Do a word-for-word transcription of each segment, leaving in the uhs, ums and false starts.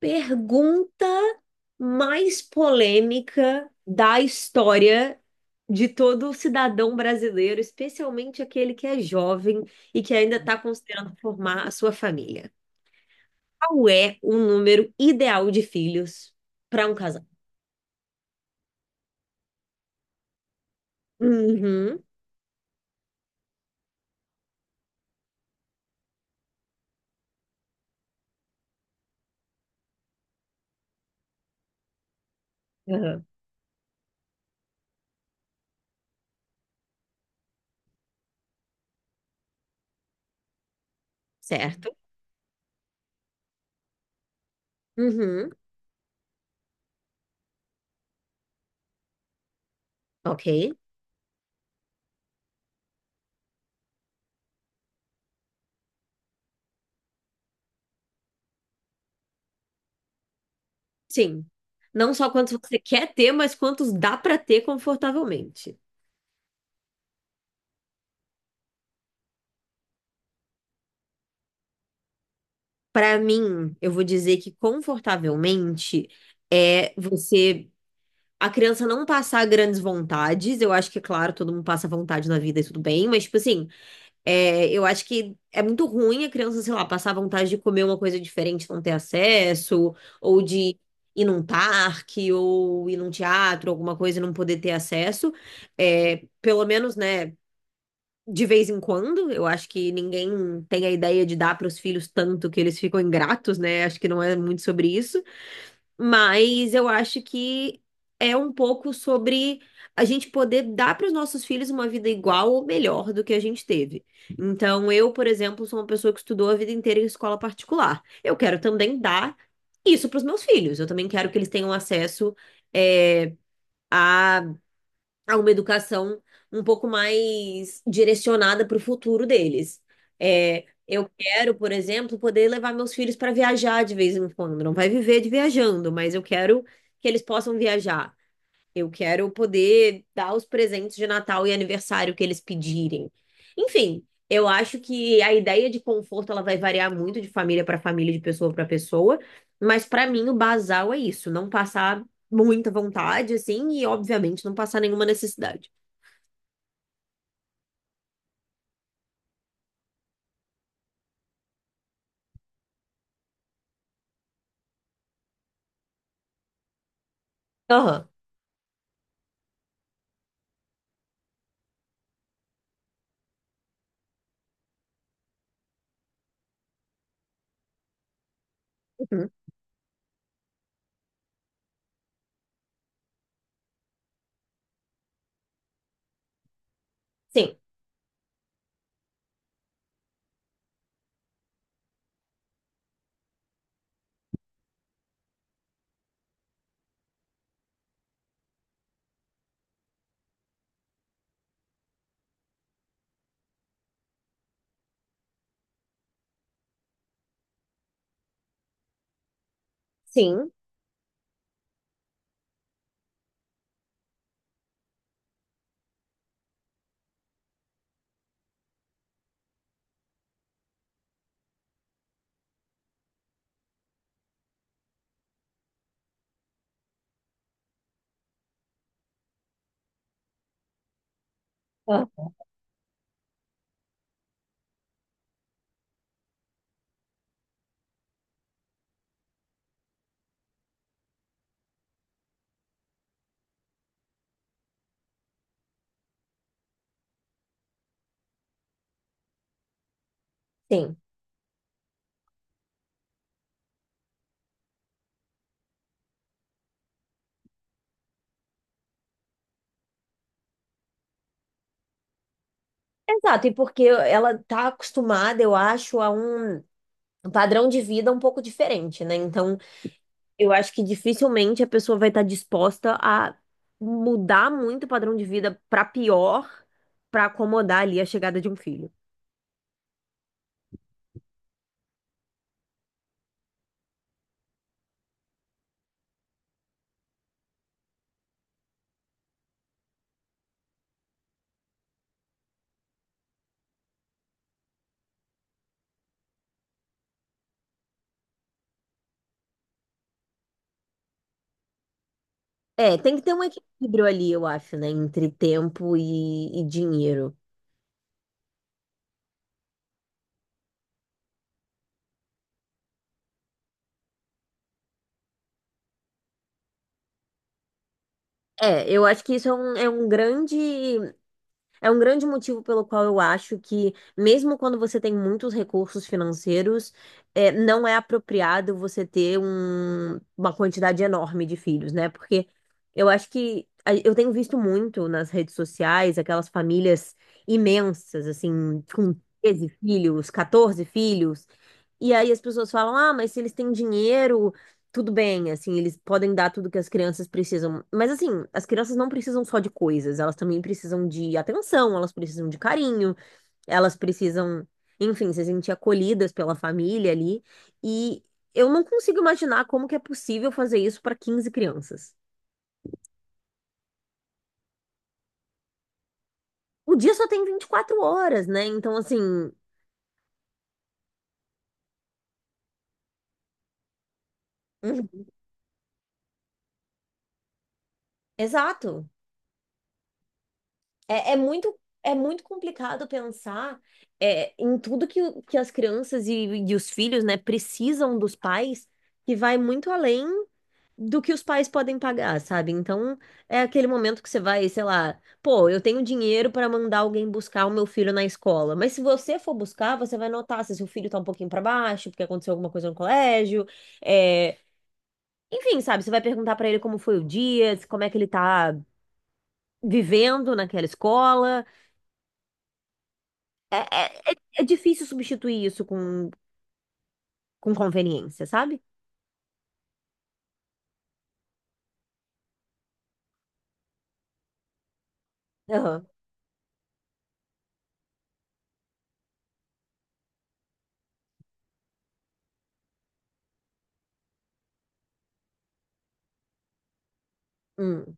Pergunta mais polêmica da história de todo cidadão brasileiro, especialmente aquele que é jovem e que ainda está considerando formar a sua família. Qual é o número ideal de filhos para um casal? Uhum, uhum, certo. Uhum, ok. Sim. Não só quantos você quer ter, mas quantos dá para ter confortavelmente. Para mim, eu vou dizer que confortavelmente é você. A criança não passar grandes vontades. Eu acho que, claro, todo mundo passa vontade na vida e tudo bem, mas, tipo assim, é, eu acho que é muito ruim a criança, sei lá, passar vontade de comer uma coisa diferente, e não ter acesso, ou de ir num parque, ou ir num teatro, alguma coisa e não poder ter acesso. É, pelo menos, né? De vez em quando. Eu acho que ninguém tem a ideia de dar para os filhos tanto que eles ficam ingratos, né? Acho que não é muito sobre isso. Mas eu acho que é um pouco sobre a gente poder dar para os nossos filhos uma vida igual ou melhor do que a gente teve. Então, eu, por exemplo, sou uma pessoa que estudou a vida inteira em escola particular. Eu quero também dar isso para os meus filhos. Eu também quero que eles tenham acesso, eh, a a uma educação um pouco mais direcionada para o futuro deles. É, eu quero, por exemplo, poder levar meus filhos para viajar de vez em quando. Não vai viver de viajando, mas eu quero que eles possam viajar. Eu quero poder dar os presentes de Natal e aniversário que eles pedirem. Enfim, eu acho que a ideia de conforto ela vai variar muito de família para família, de pessoa para pessoa, mas para mim o basal é isso, não passar muita vontade assim e obviamente não passar nenhuma necessidade. Aham. Uhum. Sim, sim, Aham. Sim. Exato, e porque ela tá acostumada, eu acho, a um padrão de vida um pouco diferente, né? Então, eu acho que dificilmente a pessoa vai estar disposta a mudar muito o padrão de vida para pior, para acomodar ali a chegada de um filho. É, tem que ter um equilíbrio ali, eu acho, né, entre tempo e, e dinheiro. É, eu acho que isso é um, é um grande. É um grande motivo pelo qual eu acho que, mesmo quando você tem muitos recursos financeiros, é, não é apropriado você ter um- uma quantidade enorme de filhos, né? Porque eu acho que a- eu tenho visto muito nas redes sociais aquelas famílias imensas, assim, com treze filhos, quatorze filhos. E aí as pessoas falam: ah, mas se eles têm dinheiro, tudo bem, assim, eles podem dar tudo que as crianças precisam. Mas assim, as crianças não precisam só de coisas, elas também precisam de atenção, elas precisam de carinho, elas precisam, enfim, se sentir acolhidas pela família ali. E eu não consigo imaginar como que é possível fazer isso para quinze crianças. O dia só tem vinte e quatro horas, né? Então, assim, hum, exato. É, é muito, é muito complicado pensar é, em tudo que, o- que as crianças e, e os filhos, né, precisam dos pais, que vai muito além do que os pais podem pagar, sabe? Então, é aquele momento que você vai, sei lá, pô, eu tenho dinheiro para mandar alguém buscar o meu filho na escola, mas se você for buscar, você vai notar se seu filho tá um pouquinho para baixo, porque aconteceu alguma coisa no colégio. é, Enfim, sabe? Você vai perguntar para ele como foi o dia, como é que ele tá vivendo naquela escola. É, é, é é difícil substituir isso com, com conveniência, sabe? Aham. Hum.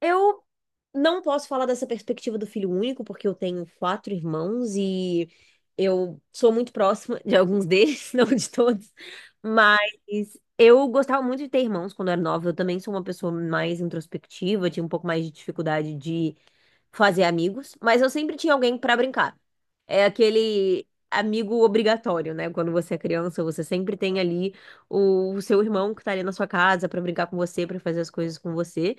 Eu não posso falar dessa perspectiva do filho único, porque eu tenho quatro irmãos e eu sou muito próxima de alguns deles, não de todos, mas eu gostava muito de ter irmãos quando eu era nova. Eu também sou uma pessoa mais introspectiva, tinha um pouco mais de dificuldade de fazer amigos, mas eu sempre tinha alguém pra brincar. É aquele amigo obrigatório, né? Quando você é criança, você sempre tem ali o, seu irmão que tá ali na sua casa pra brincar com você, pra fazer as coisas com você.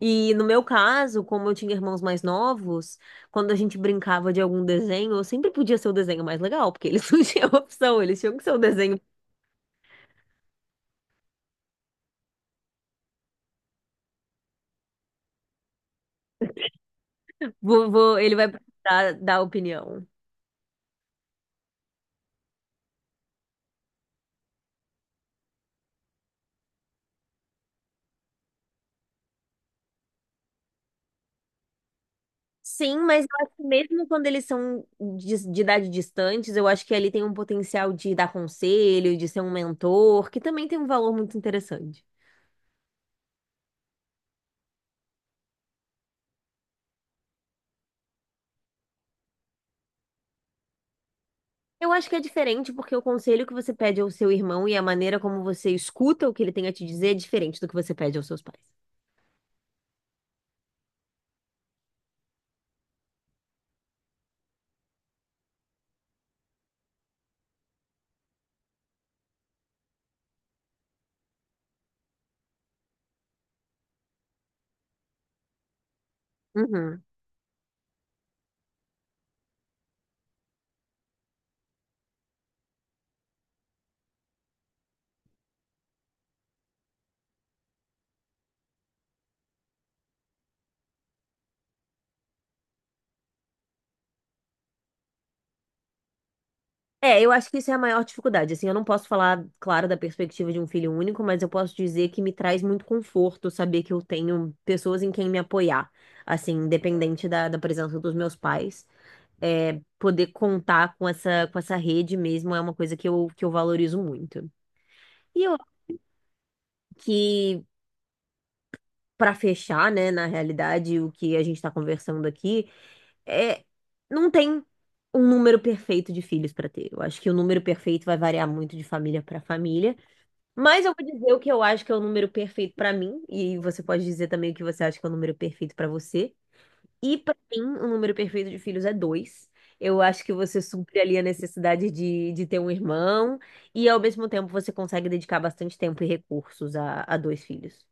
E no meu caso, como eu tinha irmãos mais novos, quando a gente brincava de algum desenho, eu sempre podia ser o desenho mais legal, porque eles não tinham opção, eles tinham que ser o desenho. Vou, vou- ele vai dar, dar opinião. Sim, mas eu acho que mesmo quando eles são de, de idade distantes, eu acho que ali tem um potencial de dar conselho, de ser um mentor, que também tem um valor muito interessante. Eu acho que é diferente porque o conselho que você pede ao seu irmão e a maneira como você escuta o que ele tem a te dizer é diferente do que você pede aos seus pais. Uhum. É, eu acho que isso é a maior dificuldade. Assim, eu não posso falar, claro, da perspectiva de um filho único, mas eu posso dizer que me traz muito conforto saber que eu tenho pessoas em quem me apoiar, assim, independente da, da presença dos meus pais. É, poder contar com essa, com essa rede mesmo é uma coisa que eu, que eu valorizo muito. E eu acho que, para fechar, né, na realidade, o que a gente está conversando aqui é não tem um número perfeito de filhos para ter. Eu acho que o número perfeito vai variar muito de família para família. Mas eu vou dizer o que eu acho que é o número perfeito pra mim, e você pode dizer também o que você acha que é o número perfeito pra você. E pra mim, o número perfeito de filhos é dois. Eu acho que você supre ali a necessidade de, de ter um irmão, e ao mesmo tempo você consegue dedicar bastante tempo e recursos a, a dois filhos.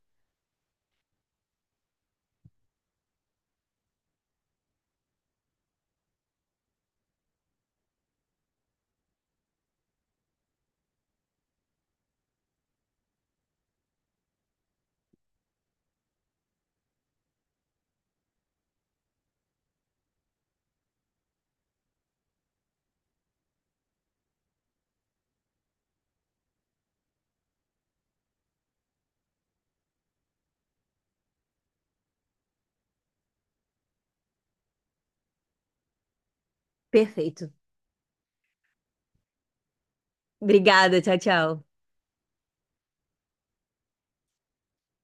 Perfeito. Obrigada, tchau, tchau.